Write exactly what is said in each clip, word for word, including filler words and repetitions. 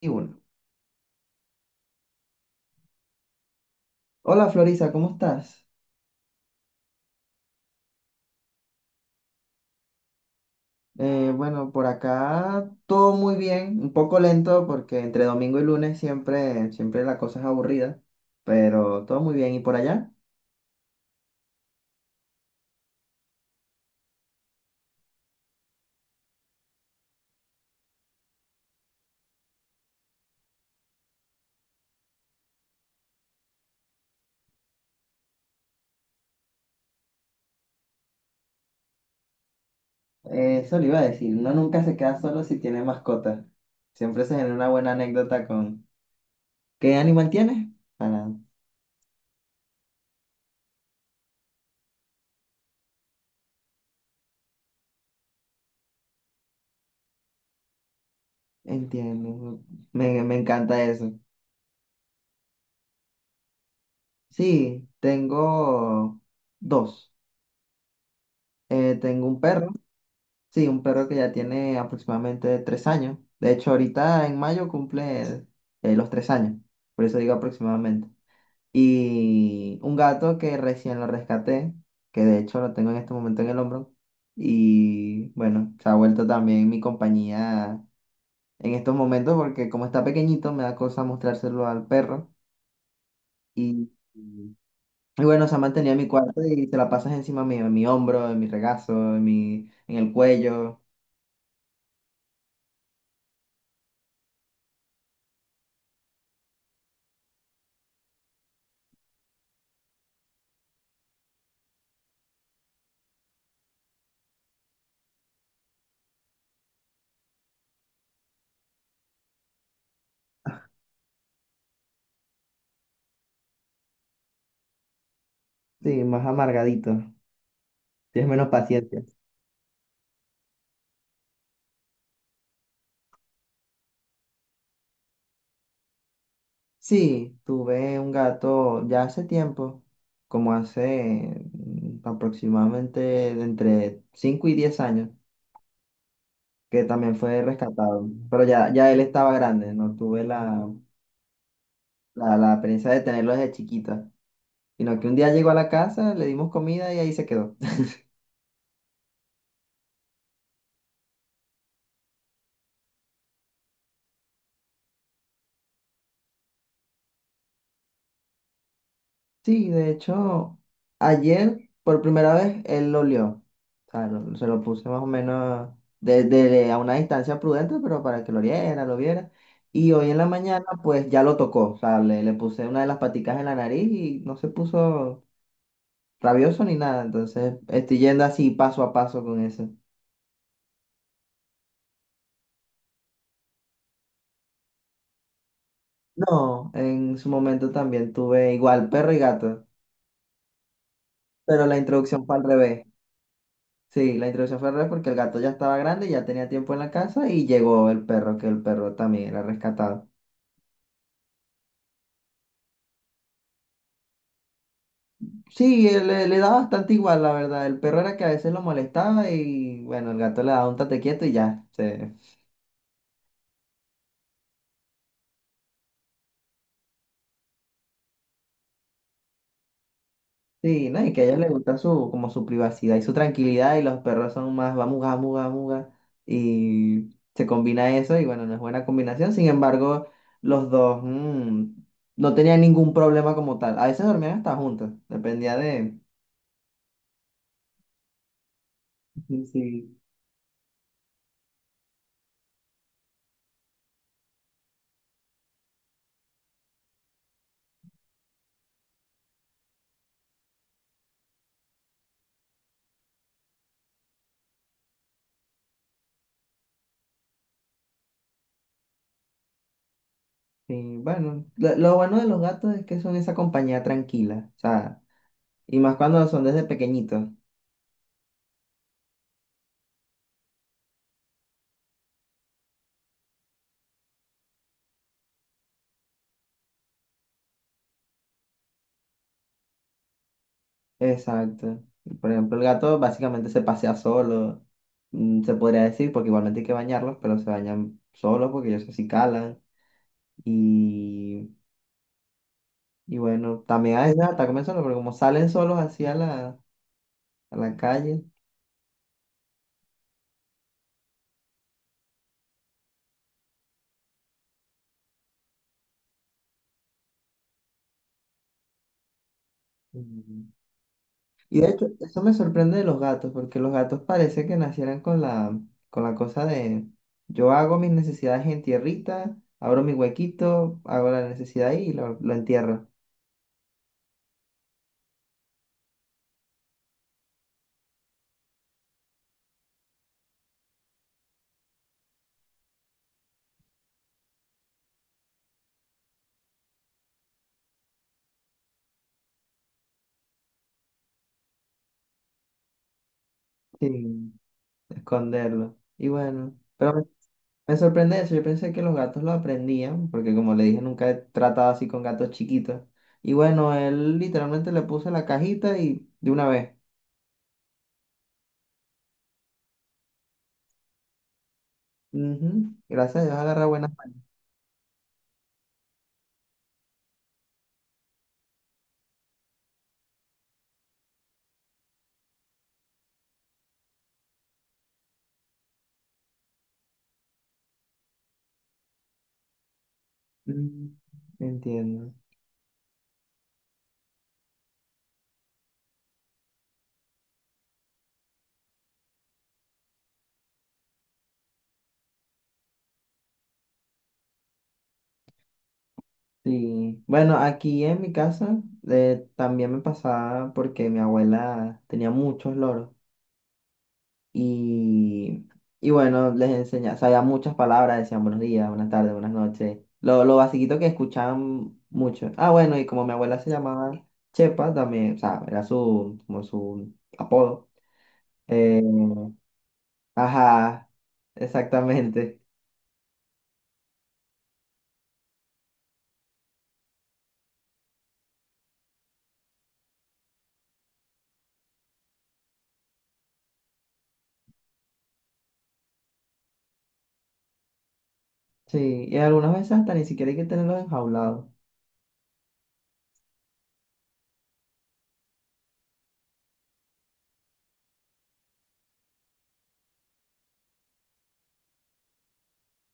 Y uno. Hola Florisa, ¿cómo estás? Eh, bueno, por acá todo muy bien, un poco lento porque entre domingo y lunes siempre, siempre la cosa es aburrida, pero todo muy bien. ¿Y por allá? Eh, eso le iba a decir, uno nunca se queda solo si tiene mascota. Siempre se genera una buena anécdota con... ¿Qué animal tienes? Para... Entiendo, me, me encanta eso. Sí, tengo dos. Eh, tengo un perro. Sí, un perro que ya tiene aproximadamente tres años. De hecho, ahorita en mayo cumple eh, los tres años. Por eso digo aproximadamente. Y un gato que recién lo rescaté, que de hecho lo tengo en este momento en el hombro. Y bueno, se ha vuelto también mi compañía en estos momentos porque como está pequeñito, me da cosa mostrárselo al perro. Y, y bueno, se ha mantenido en mi cuarto y se la pasas encima mío, en mi hombro, en mi regazo, en mi, en el cuello. Sí, más amargadito. Tienes menos paciencia. Sí, tuve un gato ya hace tiempo, como hace mm, aproximadamente de entre cinco y diez años, que también fue rescatado, pero ya, ya él estaba grande, no tuve la, la, la experiencia de tenerlo desde chiquita, sino que un día llegó a la casa, le dimos comida y ahí se quedó. Sí, de hecho, ayer por primera vez él lo olió. O sea, lo- se lo puse más o menos de- de- a una distancia prudente, pero para que lo oliera, lo viera. Y hoy en la mañana, pues ya lo tocó. O sea, le, le puse una de las paticas en la nariz y no se puso rabioso ni nada. Entonces, estoy yendo así paso a paso con eso. No, en su momento también tuve igual perro y gato, pero la introducción fue al revés. Sí, la introducción fue al revés porque el gato ya estaba grande, ya tenía tiempo en la casa y llegó el perro, que el perro también era rescatado. Sí, él le, le da bastante igual, la verdad. El perro era que a veces lo molestaba y bueno, el gato le daba un tate quieto y ya. se- Sí, ¿no? Y que a ellos les gusta su, como su privacidad y su tranquilidad y los perros son más vamos, vamos, vamos. Y se combina eso y bueno, no es buena combinación. Sin embargo, los dos mm, no tenían ningún problema como tal. A veces dormían hasta juntos, dependía de... Sí. Sí, bueno, lo, lo bueno de los gatos es que son esa compañía tranquila, o sea, y más cuando son desde pequeñitos. Exacto. Por ejemplo, el gato básicamente se pasea solo, mm, se podría decir, porque igualmente hay que bañarlos, pero se bañan solos porque ellos así calan. Y, y bueno, también a veces hasta comen solos, pero como salen solos así a la, a la calle. Ujú. Y de hecho, eso me sorprende de los gatos, porque los gatos parece que nacieran con la, con la cosa de yo hago mis necesidades en tierrita, abro mi huequito, hago la necesidad ahí y lo, lo entierro sin esconderlo. Y bueno, pero me, me sorprende eso, yo pensé que los gatos lo aprendían, porque como le dije, nunca he tratado así con gatos chiquitos. Y bueno, él literalmente le puse la cajita y de una vez. Ujú, gracias a Dios agarra buenas. Mm, entiendo. Sí, bueno, aquí en mi casa eh, también me pasaba porque mi abuela tenía muchos loros y, y bueno, les enseñaba, sabía muchas palabras, decían buenos días, buenas tardes, buenas noches, lo, lo basiquito que escuchaban mucho. Ah, bueno, y como mi abuela se llamaba Chepa también, o sea, era su, como su apodo. eh, ajá, exactamente. Sí, y algunas veces hasta ni siquiera hay que tenerlos enjaulados,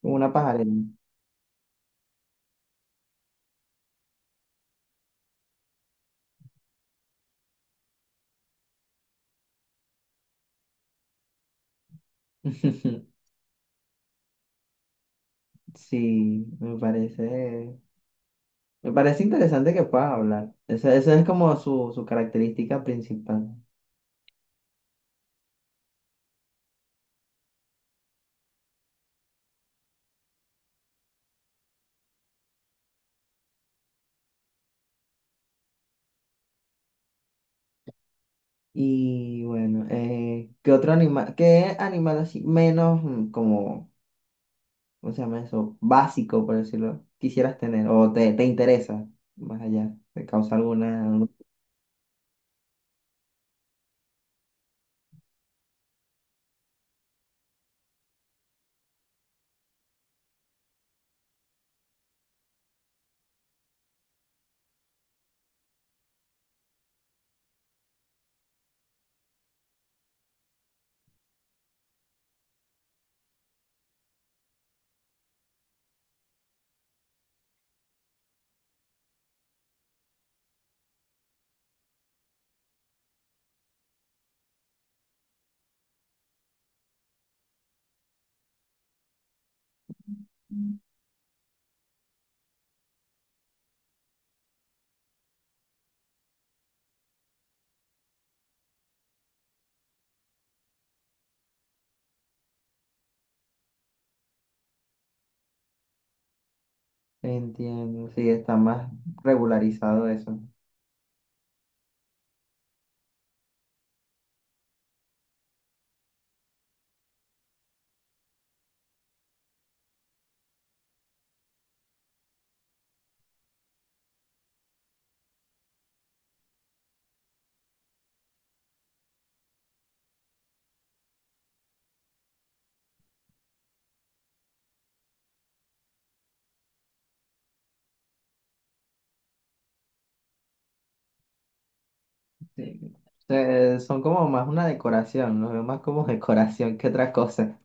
como una pajarera. Sí, me parece, me parece interesante que puedas hablar. Esa, esa es como su, su característica principal. Y bueno, eh, ¿qué otro animal, qué animal así menos mm, como, ¿cómo se llama eso? Básico, por decirlo, quisieras tener o te, te interesa más allá, te causa alguna... algún- Entiendo, sí, está más regularizado eso. Sí. Eh, son como más una decoración, los veo más como decoración que otra cosa.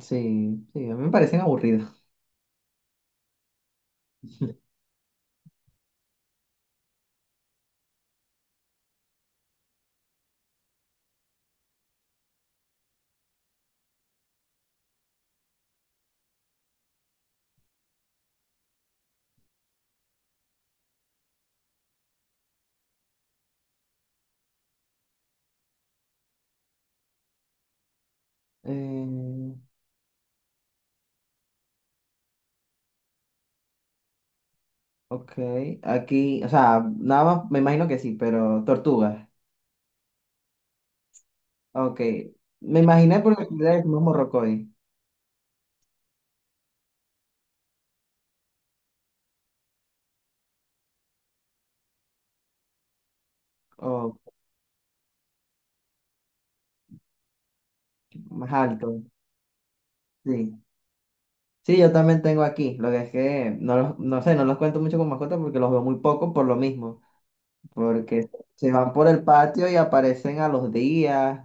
Sí, sí, a mí me parecen aburridos. Eh, ok, aquí, o sea, nada más me imagino que sí, pero tortugas. Ok, me imaginé por la actividad del mismo morrocoy, o más alto, sí. Sí, yo también tengo aquí, lo que es que no, los- no sé, no los cuento mucho con mascotas porque los veo muy poco por lo mismo, porque se van por el patio y aparecen a los días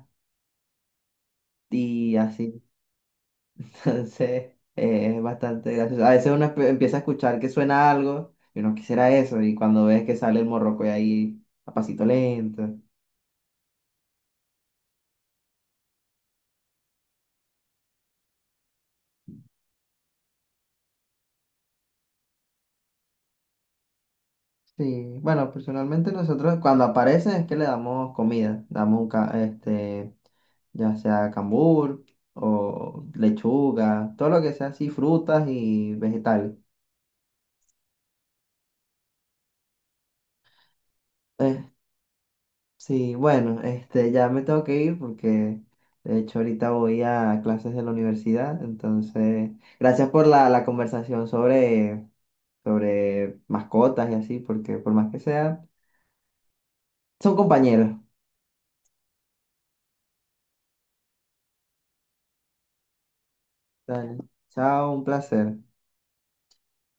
y así. Entonces, eh, es bastante gracioso. A veces uno espe- empieza a escuchar que suena algo y uno quisiera eso, y cuando ves que sale el morroco y ahí a pasito lento. Sí, bueno, personalmente nosotros cuando aparecen es que le damos comida, damos un ca- este, ya sea cambur o lechuga, todo lo que sea así, frutas y vegetales. Sí, bueno, este, ya me tengo que ir porque de hecho ahorita voy a clases de la universidad, entonces gracias por la, la conversación sobre, sobre mascotas y así, porque por más que sea, son compañeros. Dale, chao, un placer.